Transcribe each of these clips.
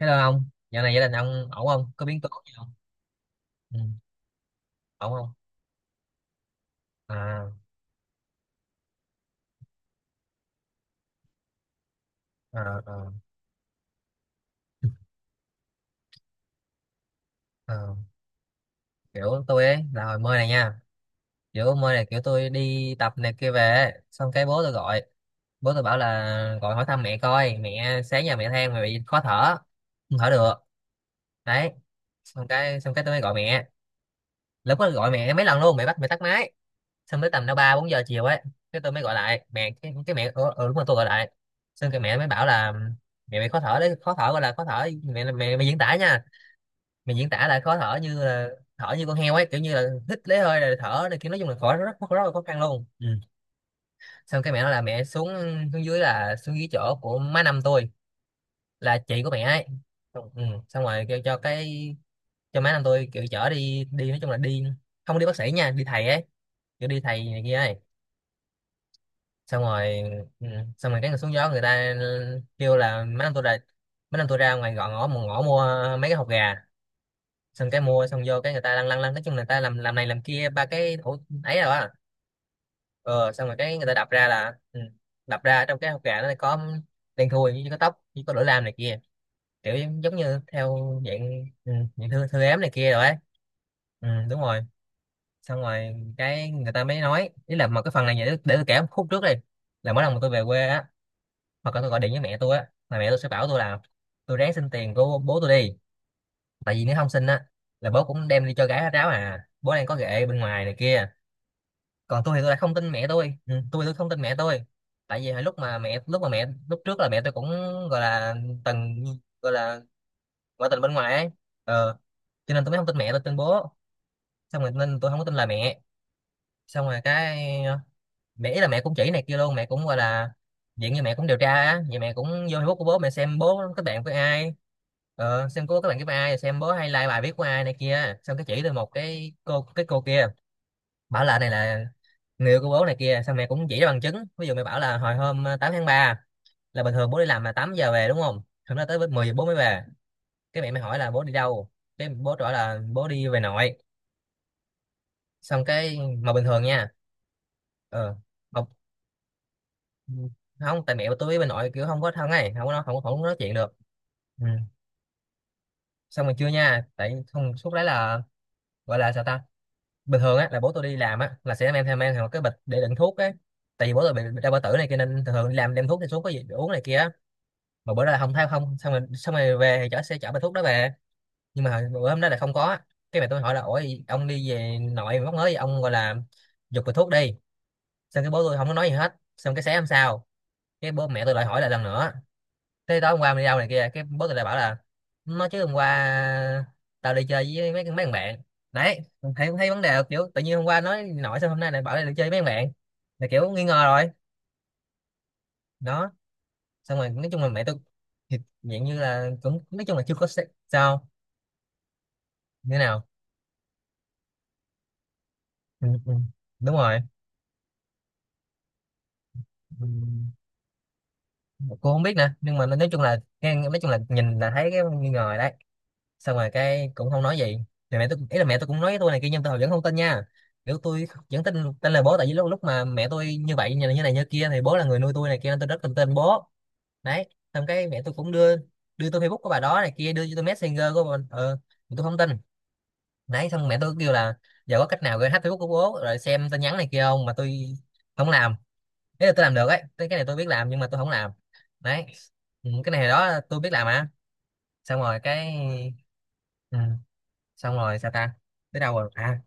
Hello ông, dạo này gia đình ông ổn không? Có biến cố gì không? Ừ, ổn không? À, à, à, à. Kiểu tôi ấy là hồi mơ này nha. Kiểu mơ này kiểu tôi đi tập này kia về ấy. Xong cái bố tôi gọi. Bố tôi bảo là gọi hỏi thăm mẹ coi. Mẹ sáng giờ mẹ than mẹ bị khó thở, không thở được. Đấy. Xong cái tôi mới gọi mẹ. Lúc đó gọi mẹ mấy lần luôn. Mẹ bắt mẹ tắt máy, xong tới tầm nó ba bốn giờ chiều ấy, cái tôi mới gọi lại mẹ, cái mẹ ừ, đúng rồi tôi gọi lại. Xong cái mẹ mới bảo là mẹ bị khó thở, đấy khó thở, gọi là khó thở, mẹ mẹ mẹ diễn tả nha, mẹ diễn tả là khó thở như là thở như con heo ấy, kiểu như là hít lấy hơi rồi thở này, kiểu nói chung là khó, rất rất, rất là khó khăn luôn. Ừ. Xong cái mẹ nói là mẹ xuống, xuống dưới là xuống dưới chỗ của má năm tôi, là chị của mẹ ấy. Xong, ừ. Xong rồi kêu cho cái, cho má năm tôi kiểu chở đi, đi nói chung là đi, không đi bác sĩ nha, đi thầy ấy, kiểu đi thầy này kia ấy. Xong rồi, ừ, xong rồi cái người xuống gió người ta kêu là mấy năm tôi ra, mấy năm tôi ra ngoài gọn ngõ một ngõ mua mấy cái hột gà. Xong cái mua xong vô cái người ta lăn lăn lăn nói chung là người ta làm này làm kia ba cái ổ ấy rồi á. Ờ, xong rồi cái người ta đập ra là, ừ, đập ra trong cái hột gà nó có đen thui với có tóc với có lửa lam này kia, kiểu giống giống như theo dạng, ừ, dạng thư thư ếm này kia rồi ấy. Ừ, đúng rồi. Xong rồi cái người ta mới nói ý là một cái phần này, để tôi kể một khúc trước đi. Là mỗi lần mà tôi về quê á, hoặc là tôi gọi điện với mẹ tôi á, là mẹ tôi sẽ bảo tôi là tôi ráng xin tiền của bố tôi đi, tại vì nếu không xin á là bố cũng đem đi cho gái hết ráo à, bố đang có ghệ bên ngoài này kia. Còn tôi thì tôi lại không tin mẹ tôi, ừ, tôi không tin mẹ tôi, tại vì hồi lúc mà mẹ, lúc trước là mẹ tôi cũng gọi là từng gọi là ngoại tình bên ngoài ấy. Ờ, cho nên tôi mới không tin mẹ tôi, tin bố. Xong rồi nên tôi không có tin là mẹ. Xong rồi cái mẹ ý là mẹ cũng chỉ này kia luôn, mẹ cũng gọi là diện như mẹ cũng điều tra á vậy, mẹ cũng vô Facebook của bố, mẹ xem bố kết bạn với ai, ờ, xem cô các bạn với ai, xem bố hay like bài viết của ai này kia. Xong cái chỉ tôi một cái cô, cái cô kia, bảo là này là người yêu của bố này kia. Xong mẹ cũng chỉ ra bằng chứng, ví dụ mẹ bảo là hồi hôm 8 tháng ba, là bình thường bố đi làm là 8 giờ về đúng không, hôm đó tới với 10 giờ bố mới về. Cái mẹ mới hỏi là bố đi đâu, cái bố trả là bố đi về nội. Xong cái, mà bình thường nha, ờ, mà, ừ, không tại mẹ tôi với bà nội kiểu không có thân ấy, không có nói- không không có nói chuyện được. Ừ. Xong rồi chưa nha, tại không suốt đấy là gọi là sao ta, bình thường á là bố tôi đi làm á là sẽ mang theo, một cái bịch để đựng thuốc á, tại vì bố tôi bị đau bao tử này kia nên thường thường đi làm đem thuốc đi xuống có gì để uống này kia á. Mà bữa đó là không thấy không, xong rồi về thì chở, sẽ chở bao thuốc đó về. Nhưng mà bữa hôm đó là không có á. Cái mẹ tôi hỏi là ủa, ông đi về nội mà móc mới ông, gọi là giục bịch thuốc đi. Xong cái bố tôi không có nói gì hết. Xong cái sáng hôm sau cái bố mẹ tôi lại hỏi lại lần nữa, thế tối hôm qua mình đi đâu này kia, cái boss lại bảo là nó chứ hôm qua tao đi chơi với mấy mấy thằng bạn. Đấy, thấy thấy vấn đề là kiểu tự nhiên hôm qua nói nổi sao hôm nay lại bảo là đi chơi với mấy thằng bạn, là kiểu nghi ngờ rồi. Đó. Xong rồi nói chung là mẹ tôi thì dạng như là cũng nói chung là chưa có sao như thế nào. Ừ Đúng rồi. Ừ. Cô không biết nè, nhưng mà nói chung là nghe, nói chung là nhìn là thấy cái nghi ngờ rồi đấy. Xong rồi cái cũng không nói gì, thì mẹ tôi ý là mẹ tôi cũng nói với tôi này kia nhưng tôi vẫn không tin nha, kiểu tôi vẫn tin, tin lời bố, tại vì lúc lúc mà mẹ tôi như vậy, như này như này như kia, thì bố là người nuôi tôi này kia nên tôi rất tin tên bố. Đấy. Xong cái mẹ tôi cũng đưa, đưa tôi Facebook của bà đó này kia, đưa cho tôi Messenger của bà, ờ, mà tôi không tin. Đấy. Xong mẹ tôi kêu là giờ có cách nào gửi hack Facebook của bố rồi xem tin nhắn này kia không, mà tôi không làm, thế là tôi làm được ấy, cái này tôi biết làm nhưng mà tôi không làm. Đấy. Ừ, cái này đó tôi biết làm à. Xong rồi cái, ừ, xong rồi sao ta, tới đâu rồi à,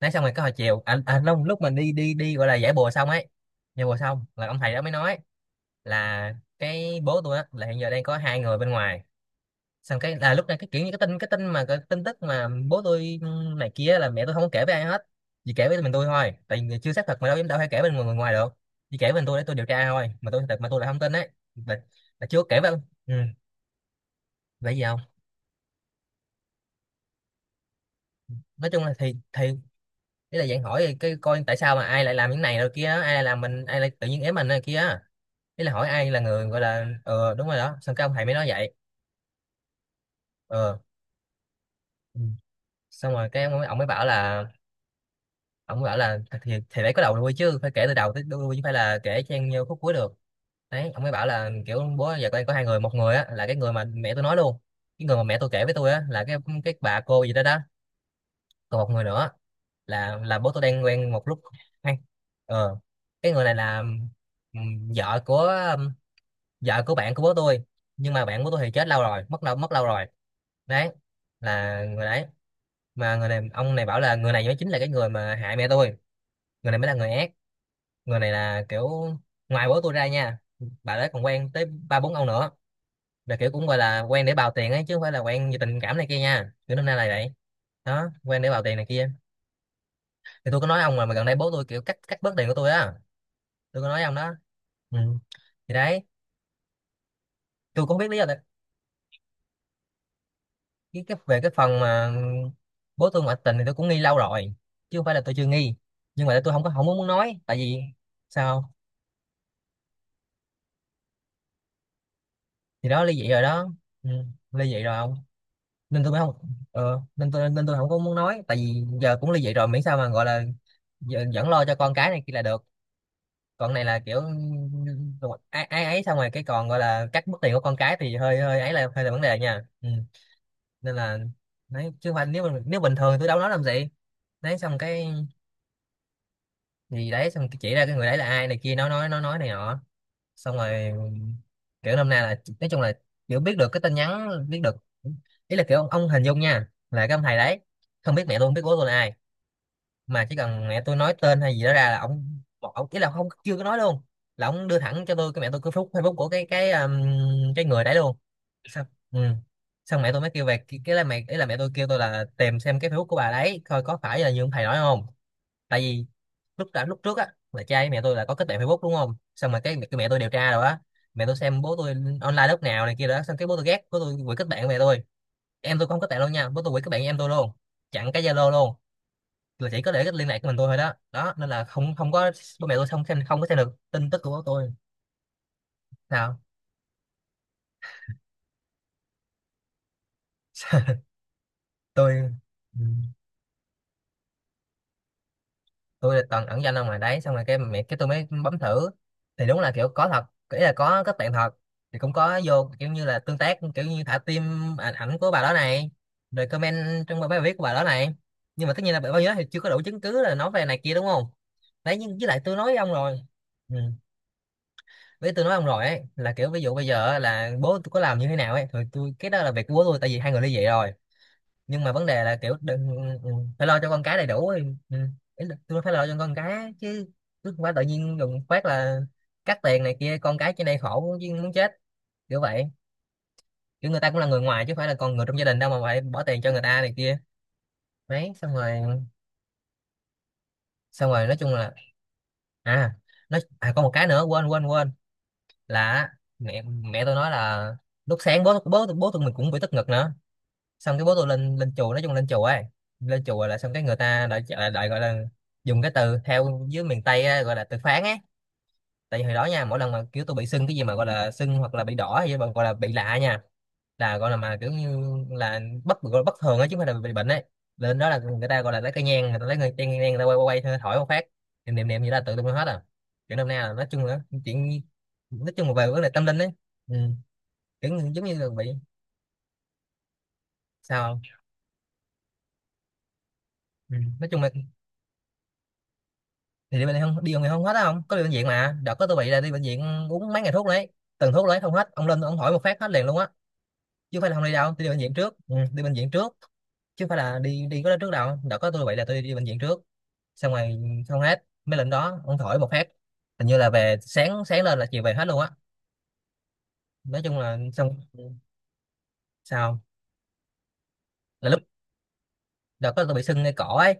nói xong rồi cái hồi chiều anh, lúc lúc mình đi đi đi gọi là giải bùa xong ấy. Giải bùa xong là ông thầy đó mới nói là cái bố tôi á là hiện giờ đang có hai người bên ngoài. Xong cái là lúc này cái kiểu như cái tin tức mà bố tôi này kia, là mẹ tôi không có kể với ai hết, chỉ kể với mình tôi thôi, tại vì chưa xác thực mà đâu dám, đâu hay kể bên người ngoài được, chỉ kể với mình tôi để tôi điều tra thôi, mà tôi thật mà tôi lại không tin. Đấy. là, là chưa kể với ông. Ừ, vậy gì không. Nói chung là thì ý là dạng hỏi cái coi tại sao mà ai lại làm những này rồi kia á, ai lại làm mình, ai lại tự nhiên ém mình này kia á. Ý là hỏi ai là người, gọi là, ờ đúng rồi đó, xong cái ông thầy mới nói vậy. Ờ. Ừ. Xong rồi cái ông mới bảo là, ông mới bảo là thì phải có đầu đuôi chứ, phải kể từ đầu tới đuôi chứ, phải là kể chen vô khúc cuối được. Đấy. Ông mới bảo là kiểu bố giờ con có hai người, một người á là cái người mà mẹ tôi nói luôn, cái người mà mẹ tôi kể với tôi á là cái bà cô gì đó đó, còn một người nữa là bố tôi đang quen một lúc hay, ờ, cái người này là vợ của, ừm, vợ của bạn của bố tôi, nhưng mà bạn của tôi thì chết lâu rồi, mất lâu, rồi. Đấy, là người đấy. Mà người này ông này bảo là người này mới chính là cái người mà hại mẹ tôi, người này mới là người ác, người này là kiểu ngoài bố tôi ra nha, bà đấy còn quen tới ba bốn ông nữa, là kiểu cũng gọi là quen để bào tiền ấy, chứ không phải là quen vì tình cảm này kia nha, kiểu năm nay là vậy đó, quen để bào tiền này kia. Thì tôi có nói ông, mà gần đây bố tôi kiểu cắt cắt bớt tiền của tôi á, tôi có nói với ông đó. Ừ. Thì đấy, tôi cũng không biết lý do tại cái về cái phần mà bố tôi ngoại tình thì tôi cũng nghi lâu rồi, chứ không phải là tôi chưa nghi, nhưng mà tôi không có không muốn nói tại vì sao. Thì đó ly dị rồi đó. Ừ. Ly dị rồi ông, nên tôi mới không. Nên tôi không có muốn nói tại vì giờ cũng ly dị rồi, miễn sao mà gọi là giờ vẫn lo cho con cái này kia là được. Còn này là kiểu ai ai ấy xong rồi cái còn gọi là cắt mất tiền của con cái thì hơi hơi ấy, là hơi là vấn đề nha. Ừ, nên là đấy, chứ không phải nếu bình thường thì tôi đâu nói làm gì. Đấy xong cái gì đấy xong cái chỉ ra cái người đấy là ai này kia, nói này nọ xong rồi. Kiểu năm nay là nói chung là kiểu biết được cái tin nhắn, biết được, ý là kiểu ông hình dung nha là cái ông thầy đấy không biết mẹ tôi, không biết bố tôi là ai, mà chỉ cần mẹ tôi nói tên hay gì đó ra là ông một ông ý là không chưa có nói luôn, là ông đưa thẳng cho tôi cái mẹ tôi cái phút Facebook của cái người đấy luôn. Xong. Ừ. Xong mẹ tôi mới kêu về cái là mẹ ý là mẹ tôi kêu tôi là tìm xem cái Facebook của bà đấy coi có phải là như ông thầy nói không. Tại vì lúc trước á, là cha với mẹ tôi là có kết bạn Facebook đúng không, xong mà cái mẹ tôi điều tra rồi á. Mẹ tôi xem bố tôi online lúc nào này kia đó, xong cái bố tôi ghét, bố tôi quỷ kết bạn với mẹ tôi, em tôi cũng không kết bạn luôn nha, bố tôi quỷ kết bạn với em tôi luôn, chặn cái Zalo luôn, là chỉ có để cái liên lạc của mình tôi thôi đó đó. Nên là không không có bố mẹ tôi không xem, không có xem được tin tức của bố tôi. Nào. Tôi. Ừ, tôi là toàn ẩn danh ông ngoài đấy, xong rồi cái mẹ cái tôi mới bấm thử thì đúng là kiểu có thật, ý là có kết bạn thật, thì cũng có vô kiểu như là tương tác, kiểu như thả tim ảnh ảnh của bà đó này, rồi comment trong bài viết của bà đó này. Nhưng mà tất nhiên là bao nhiêu đó thì chưa có đủ chứng cứ là nói về này kia đúng không. Đấy, nhưng với lại tôi nói với ông rồi. Ừ. Với tôi nói ông rồi ấy, là kiểu ví dụ bây giờ á, là bố tôi có làm như thế nào ấy thì tôi cái đó là việc của bố tôi, tại vì hai người ly dị rồi. Nhưng mà vấn đề là kiểu đừng, ừ, phải lo cho con cái đầy đủ ấy. Ừ. Ý là tôi phải lo cho con cái chứ, không phải tự nhiên đùng phát là cắt tiền này kia, con cái trên đây khổ chứ muốn chết, kiểu vậy. Kiểu người ta cũng là người ngoài chứ không phải là con người trong gia đình đâu mà phải bỏ tiền cho người ta này kia. Đấy xong rồi. Xong rồi nói chung là, à, nói à có một cái nữa, quên quên quên, là mẹ mẹ tôi nói là lúc sáng bố bố bố tụi mình cũng bị tức ngực nữa, xong cái bố tôi lên lên chùa, nói chung lên chùa ấy. Lên chùa là xong cái người ta lại lại, lại gọi là dùng cái từ theo dưới miền Tây á, gọi là từ phán ấy. Tại vì hồi đó nha, mỗi lần mà kiểu tôi bị sưng cái gì mà gọi là sưng, hoặc là bị đỏ, hay gọi là bị lạ nha, là gọi là mà kiểu như là gọi là bất thường ấy, chứ không phải là bị bệnh ấy. Lên đó là người ta gọi là lấy cây nhang, người ta lấy cây nhang người ta quay quay quay, thổi một phát, niệm niệm niệm gì là tự động hết à. Kiểu năm nay là nói chung là chuyện, nói chung là về vấn đề tâm linh ấy. Ừ. Kiểu như giống như là bị. Sao không? Ừ, nói chung là thì đi bệnh, không đi không thì không hết á, không có đi bệnh viện, mà đợt có tôi bị là đi bệnh viện uống mấy ngày thuốc đấy, từng thuốc lấy không hết, ông lên ông hỏi một phát hết liền luôn á. Chứ không phải là không đi đâu, tôi đi bệnh viện trước, ừ, đi bệnh viện trước, chứ không phải là đi đi có đó trước đâu. Đã có tôi vậy là tôi đi bệnh viện trước, xong rồi không hết mấy lần đó ông thổi một phát, hình như là về sáng, sáng lên là chiều về hết luôn á. Nói chung là xong. Sao? Là lúc đã có tôi bị sưng ngay cổ ấy,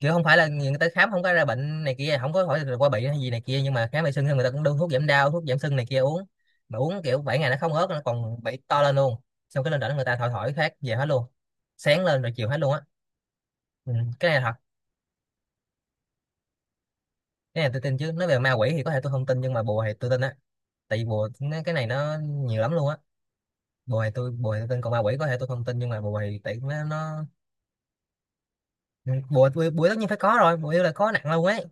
kiểu không phải là người ta khám không có ra bệnh này kia, không có hỏi là qua bị hay gì này kia, nhưng mà khám bị sưng thì người ta cũng đưa thuốc giảm đau, thuốc giảm sưng này kia uống, mà uống kiểu 7 ngày nó không ớt, nó còn bị to lên luôn. Xong cái lên đỉnh người ta thổi thổi phát về hết luôn, sáng lên rồi chiều hết luôn á. Ừ. Cái này là thật. Cái này tôi tin chứ, nói về ma quỷ thì có thể tôi không tin, nhưng mà bùa thì tôi tin á. Tại vì bùa nó, cái này nó nhiều lắm luôn á. Bùa thì tôi tin, còn ma quỷ có thể tôi không tin, nhưng mà bùa thì tại nó, bùa bùa bùa tất nhiên phải có rồi, bùa là có nặng lâu ấy.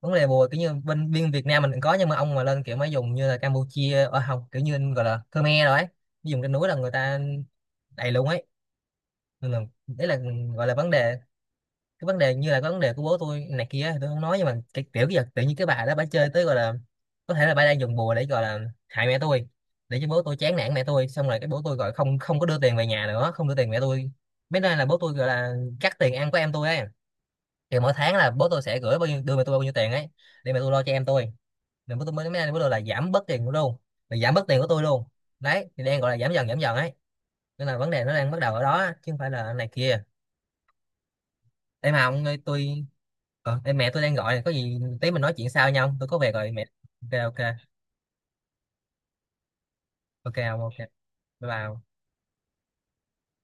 Vấn đề bùa kiểu như bên biên Việt Nam mình cũng có, nhưng mà ông mà lên kiểu mới dùng như là Campuchia ở không, kiểu như gọi là Khmer rồi ấy, dùng trên núi là người ta đầy luôn ấy. Nên là đấy là gọi là vấn đề, cái vấn đề như là cái vấn đề của bố tôi này kia thì tôi không nói, nhưng mà cái kiểu giờ tự nhiên cái bà đó bà chơi tới gọi là có thể là bà đang dùng bùa để gọi là hại mẹ tôi, để cho bố tôi chán nản mẹ tôi, xong rồi cái bố tôi gọi không không có đưa tiền về nhà nữa, không đưa tiền mẹ tôi. Mấy nay là bố tôi gọi là cắt tiền ăn của em tôi ấy. Thì mỗi tháng là bố tôi sẽ gửi bao nhiêu, đưa mẹ tôi bao nhiêu tiền ấy, để mẹ tôi lo cho em tôi. Nên bố tôi mới mấy nay bố tôi là giảm bớt tiền của tôi luôn, là giảm bớt tiền của tôi luôn. Đấy thì đang gọi là giảm dần ấy, nên là vấn đề nó đang bắt đầu ở đó, chứ không phải là này kia. Em mà ông ơi, tôi. Ờ, em mẹ tôi đang gọi này, có gì tí mình nói chuyện sau nhau, tôi có việc rồi mẹ. Ok, ok, ok ông, ok. Bye bye ông.